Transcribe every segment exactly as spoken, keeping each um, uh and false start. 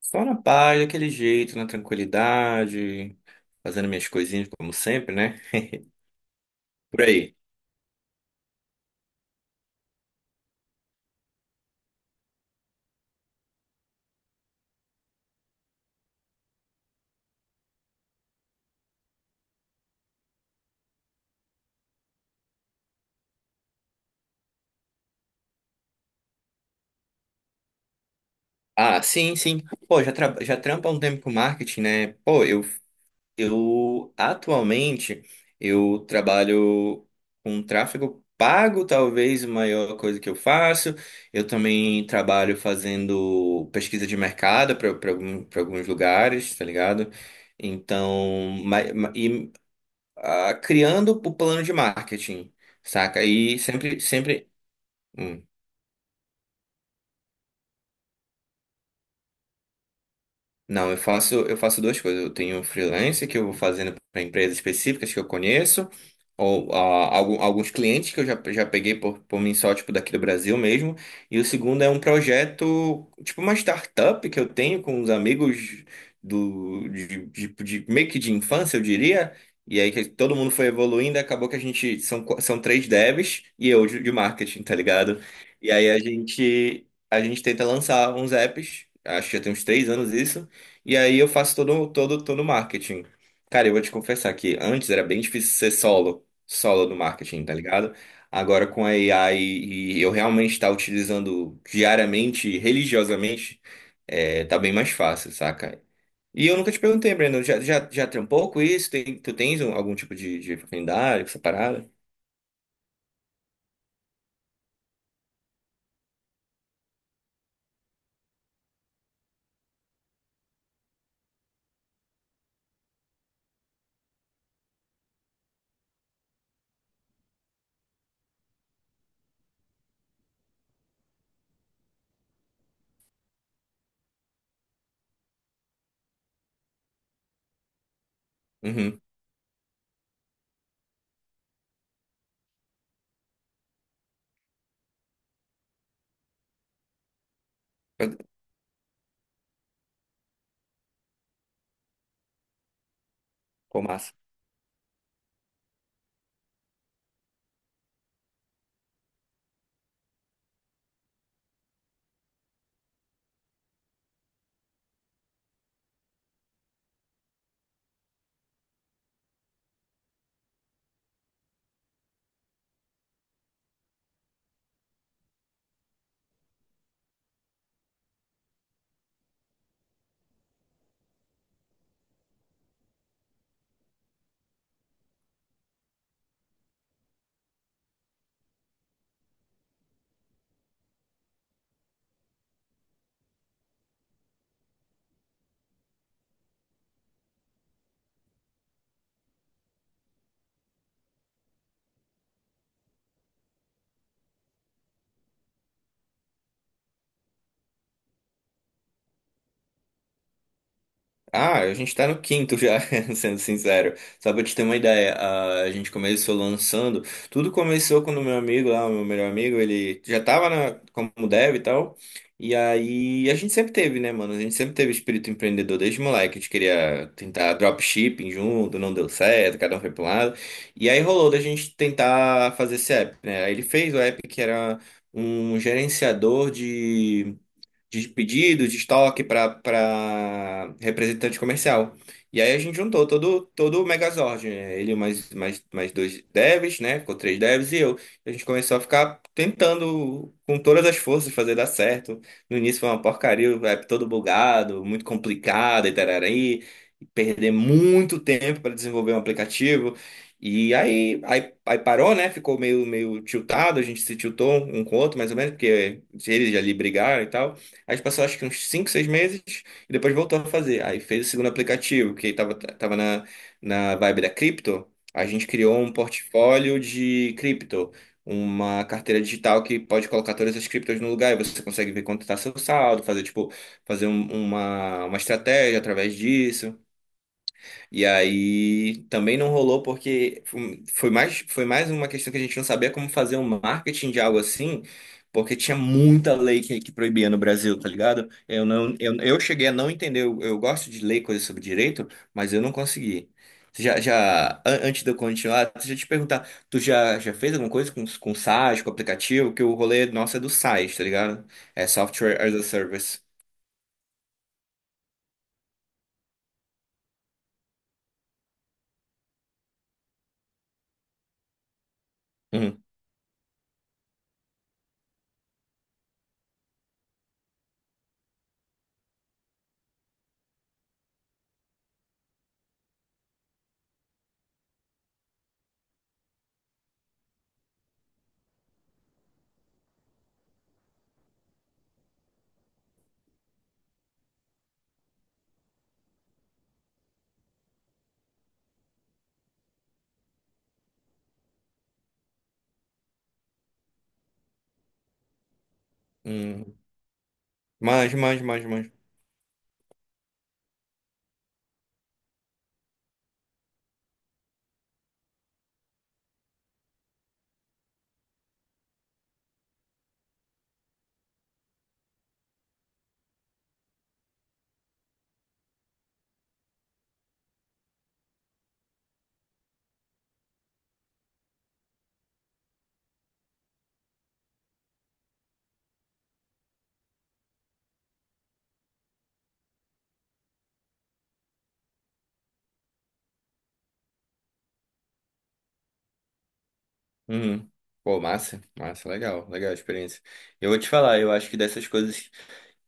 Só na paz, daquele jeito, na tranquilidade, fazendo minhas coisinhas como sempre, né? Por aí. Ah, sim, sim. Pô, já, tra já trampo há um tempo com marketing, né? Pô, eu, eu atualmente eu trabalho com tráfego pago, talvez a maior coisa que eu faço. Eu também trabalho fazendo pesquisa de mercado para alguns lugares, tá ligado? Então, ma- ma- e ah, criando o plano de marketing, saca? E sempre, sempre. hum. Não, eu faço, eu faço duas coisas. Eu tenho freelance que eu vou fazendo para empresas específicas que eu conheço, ou ah, algu- alguns clientes que eu já, já peguei por, por mim só, tipo, daqui do Brasil mesmo. E o segundo é um projeto, tipo uma startup que eu tenho com uns amigos do, de, de, de- meio que de infância, eu diria. E aí que todo mundo foi evoluindo, e acabou que a gente são, qu- são três devs e eu de de marketing, tá ligado? E aí a gente, a gente tenta lançar uns apps, acho que já tem uns três anos isso. E aí eu faço todo, todo, todo o marketing. Cara, eu vou te confessar que antes era bem difícil ser solo, solo no marketing, tá ligado? Agora com a AI e eu realmente estar utilizando diariamente, religiosamente, é, tá bem mais fácil, saca? E eu nunca te perguntei, Breno, já, já, já trampou com isso? Tem, tu tens um- algum tipo de, de afinidade com essa parada? Uhum. Pô, massa. Ah, a gente tá no quinto já, sendo sincero. Só pra te ter uma ideia, a a gente começou lançando. Tudo começou quando o meu amigo lá, o meu melhor amigo, ele já tava na, como dev e tal. E aí a gente sempre teve, né, mano? A gente sempre teve espírito empreendedor desde moleque. A gente queria tentar dropshipping junto, não deu certo, cada um foi pra um lado. E aí rolou da gente tentar fazer esse app, né? Aí ele fez o app que era um gerenciador de de pedido, de estoque para representante comercial. E aí a gente juntou todo, todo o Megazord, né? Ele mais, mais, mais dois devs, né? Ficou três devs e eu. A gente começou a ficar tentando com todas as forças fazer dar certo. No início foi uma porcaria, o app todo bugado, muito complicado e tarari. e Perder muito tempo para desenvolver um aplicativo. E aí, aí, aí parou, né? Ficou meio, meio tiltado, a gente se tiltou um com o outro, mais ou menos, porque eles ali brigaram e tal. Aí a gente passou acho que uns cinco seis meses e depois voltou a fazer. Aí fez o segundo aplicativo, que tava, tava na, na vibe da cripto. A gente criou um portfólio de cripto, uma carteira digital que pode colocar todas as criptos no lugar e você consegue ver quanto está seu saldo, fazer tipo, fazer um- uma, uma estratégia através disso. E aí também não rolou porque foi foi mais, foi mais uma questão que a gente não sabia como fazer um marketing de algo assim, porque tinha muita lei que, que proibia no Brasil, tá ligado? Eu não, eu, eu cheguei a não entender, eu, eu gosto de ler coisas sobre direito, mas eu não consegui. Já, já, an- antes de eu continuar, deixa eu te perguntar, tu já, já fez alguma coisa com, com SaaS, com aplicativo? Que o rolê nosso é do SaaS, tá ligado? É Software as a Service. Uhum. Uhum. Manjo, manjo, manjo, manjo. Uhum. Pô, massa, massa, legal, legal a experiência. Eu vou te falar, eu acho que dessas coisas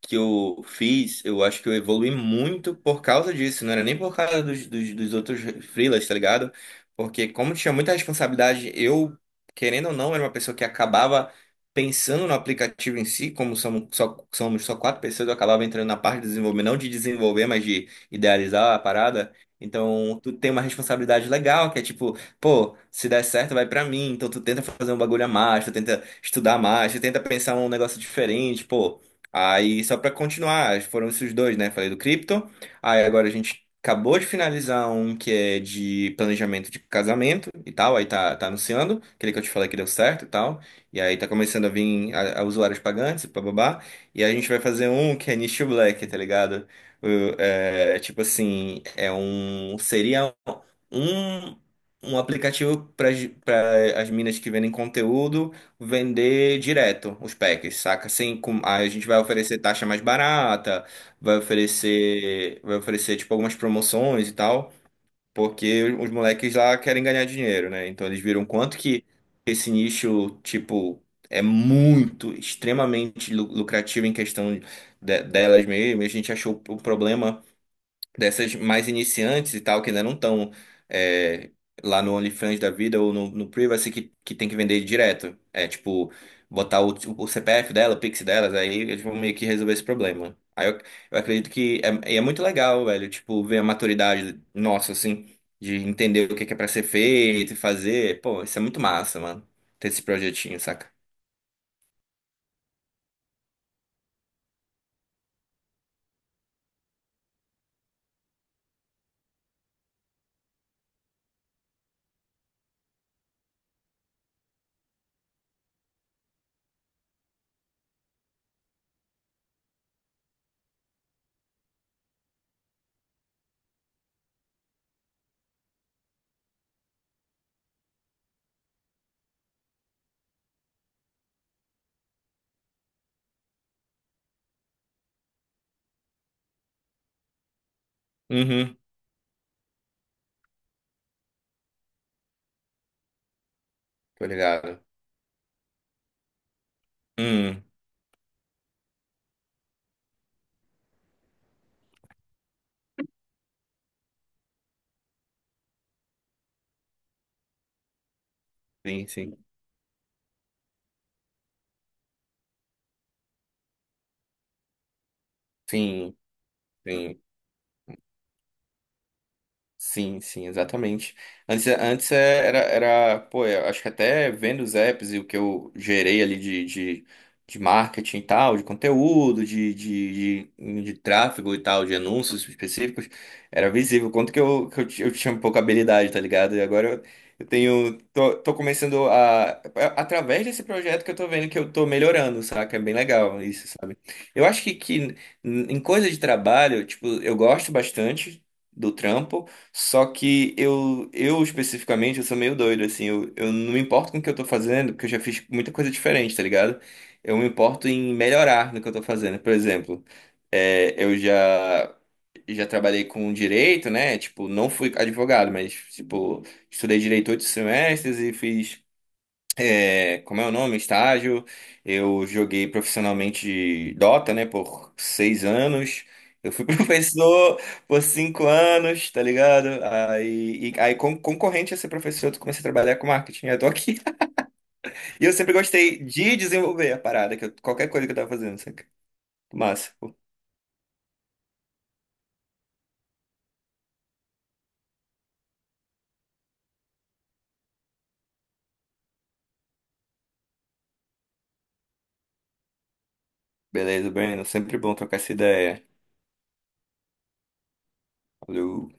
que eu fiz, eu acho que eu evolui muito por causa disso. Não era nem por causa dos, dos, dos outros freelas, tá ligado? Porque como tinha muita responsabilidade, eu, querendo ou não, era uma pessoa que acabava pensando no aplicativo em si, como somos só, somos só quatro pessoas, eu acabava entrando na parte de desenvolver, não de desenvolver, mas de idealizar a parada. Então, tu tem uma responsabilidade legal, que é tipo, pô, se der certo, vai pra mim. Então, tu tenta fazer um bagulho a mais, tu tenta estudar mais, tu tenta pensar um negócio diferente, pô. Aí, só para continuar, foram esses dois, né? Falei do cripto. Aí, agora a gente acabou de finalizar um que é de planejamento de casamento e tal. Aí tá, tá anunciando, aquele que eu te falei que deu certo e tal. E aí tá começando a vir a, a usuários pagantes, bababá. E aí a gente vai fazer um que é nicho black, tá ligado? O- É, tipo assim, é um. Seria um, um aplicativo para as minas que vendem conteúdo vender direto os packs, saca? Assim, com, aí a gente vai oferecer taxa mais barata, vai oferecer, vai oferecer tipo algumas promoções e tal, porque os moleques lá querem ganhar dinheiro, né? Então eles viram quanto que esse nicho, tipo, é muito, extremamente lu- lucrativo em questão de- delas mesmo, e a gente achou o problema dessas mais iniciantes e tal, que ainda não estão é, lá no OnlyFans da vida ou no, no Privacy, que, que tem que vender direto. É tipo, botar o, o C P F dela, o Pix delas, aí eles vão meio que resolver esse problema. Aí eu, eu acredito que é, e é muito legal, velho, tipo, ver a maturidade nossa, assim, de entender o que é que é pra ser feito e fazer. Pô, isso é muito massa, mano, ter esse projetinho, saca? Uhum, tô ligado. Hum, sim, sim. Sim, sim. Sim, sim, exatamente. Antes, antes é- era, era, pô, é, eu acho que até vendo os apps e o que eu gerei ali de, de, de marketing e tal, de conteúdo, de, de, de, de tráfego e tal, de anúncios específicos, era visível o quanto que eu, que eu, ti- eu tinha pouca habilidade, tá ligado? E agora eu, eu tenho, tô, tô começando a, é, através desse projeto que eu tô vendo que eu tô melhorando, saca? É bem legal isso, sabe? Eu acho que, que em em coisa de trabalho, tipo, eu gosto bastante do trampo, só que eu, eu especificamente, eu sou meio doido, assim, eu, eu não me importo com o que eu tô fazendo, porque eu já fiz muita coisa diferente, tá ligado? Eu me importo em melhorar no que eu tô fazendo. Por exemplo, é, eu já, já trabalhei com direito, né? Tipo, não fui advogado, mas, tipo, estudei direito oito semestres e fiz é, como é o nome? Estágio. Eu joguei profissionalmente Dota, né, por seis anos. Eu fui professor por cinco anos, tá ligado? Aí, e- aí con- concorrente a ser professor, eu comecei a trabalhar com marketing. Eu tô aqui. E eu sempre gostei de desenvolver a parada, que eu- qualquer coisa que eu tava fazendo, saca? Massa. Pô, beleza, Breno. Sempre bom trocar essa ideia. Valeu.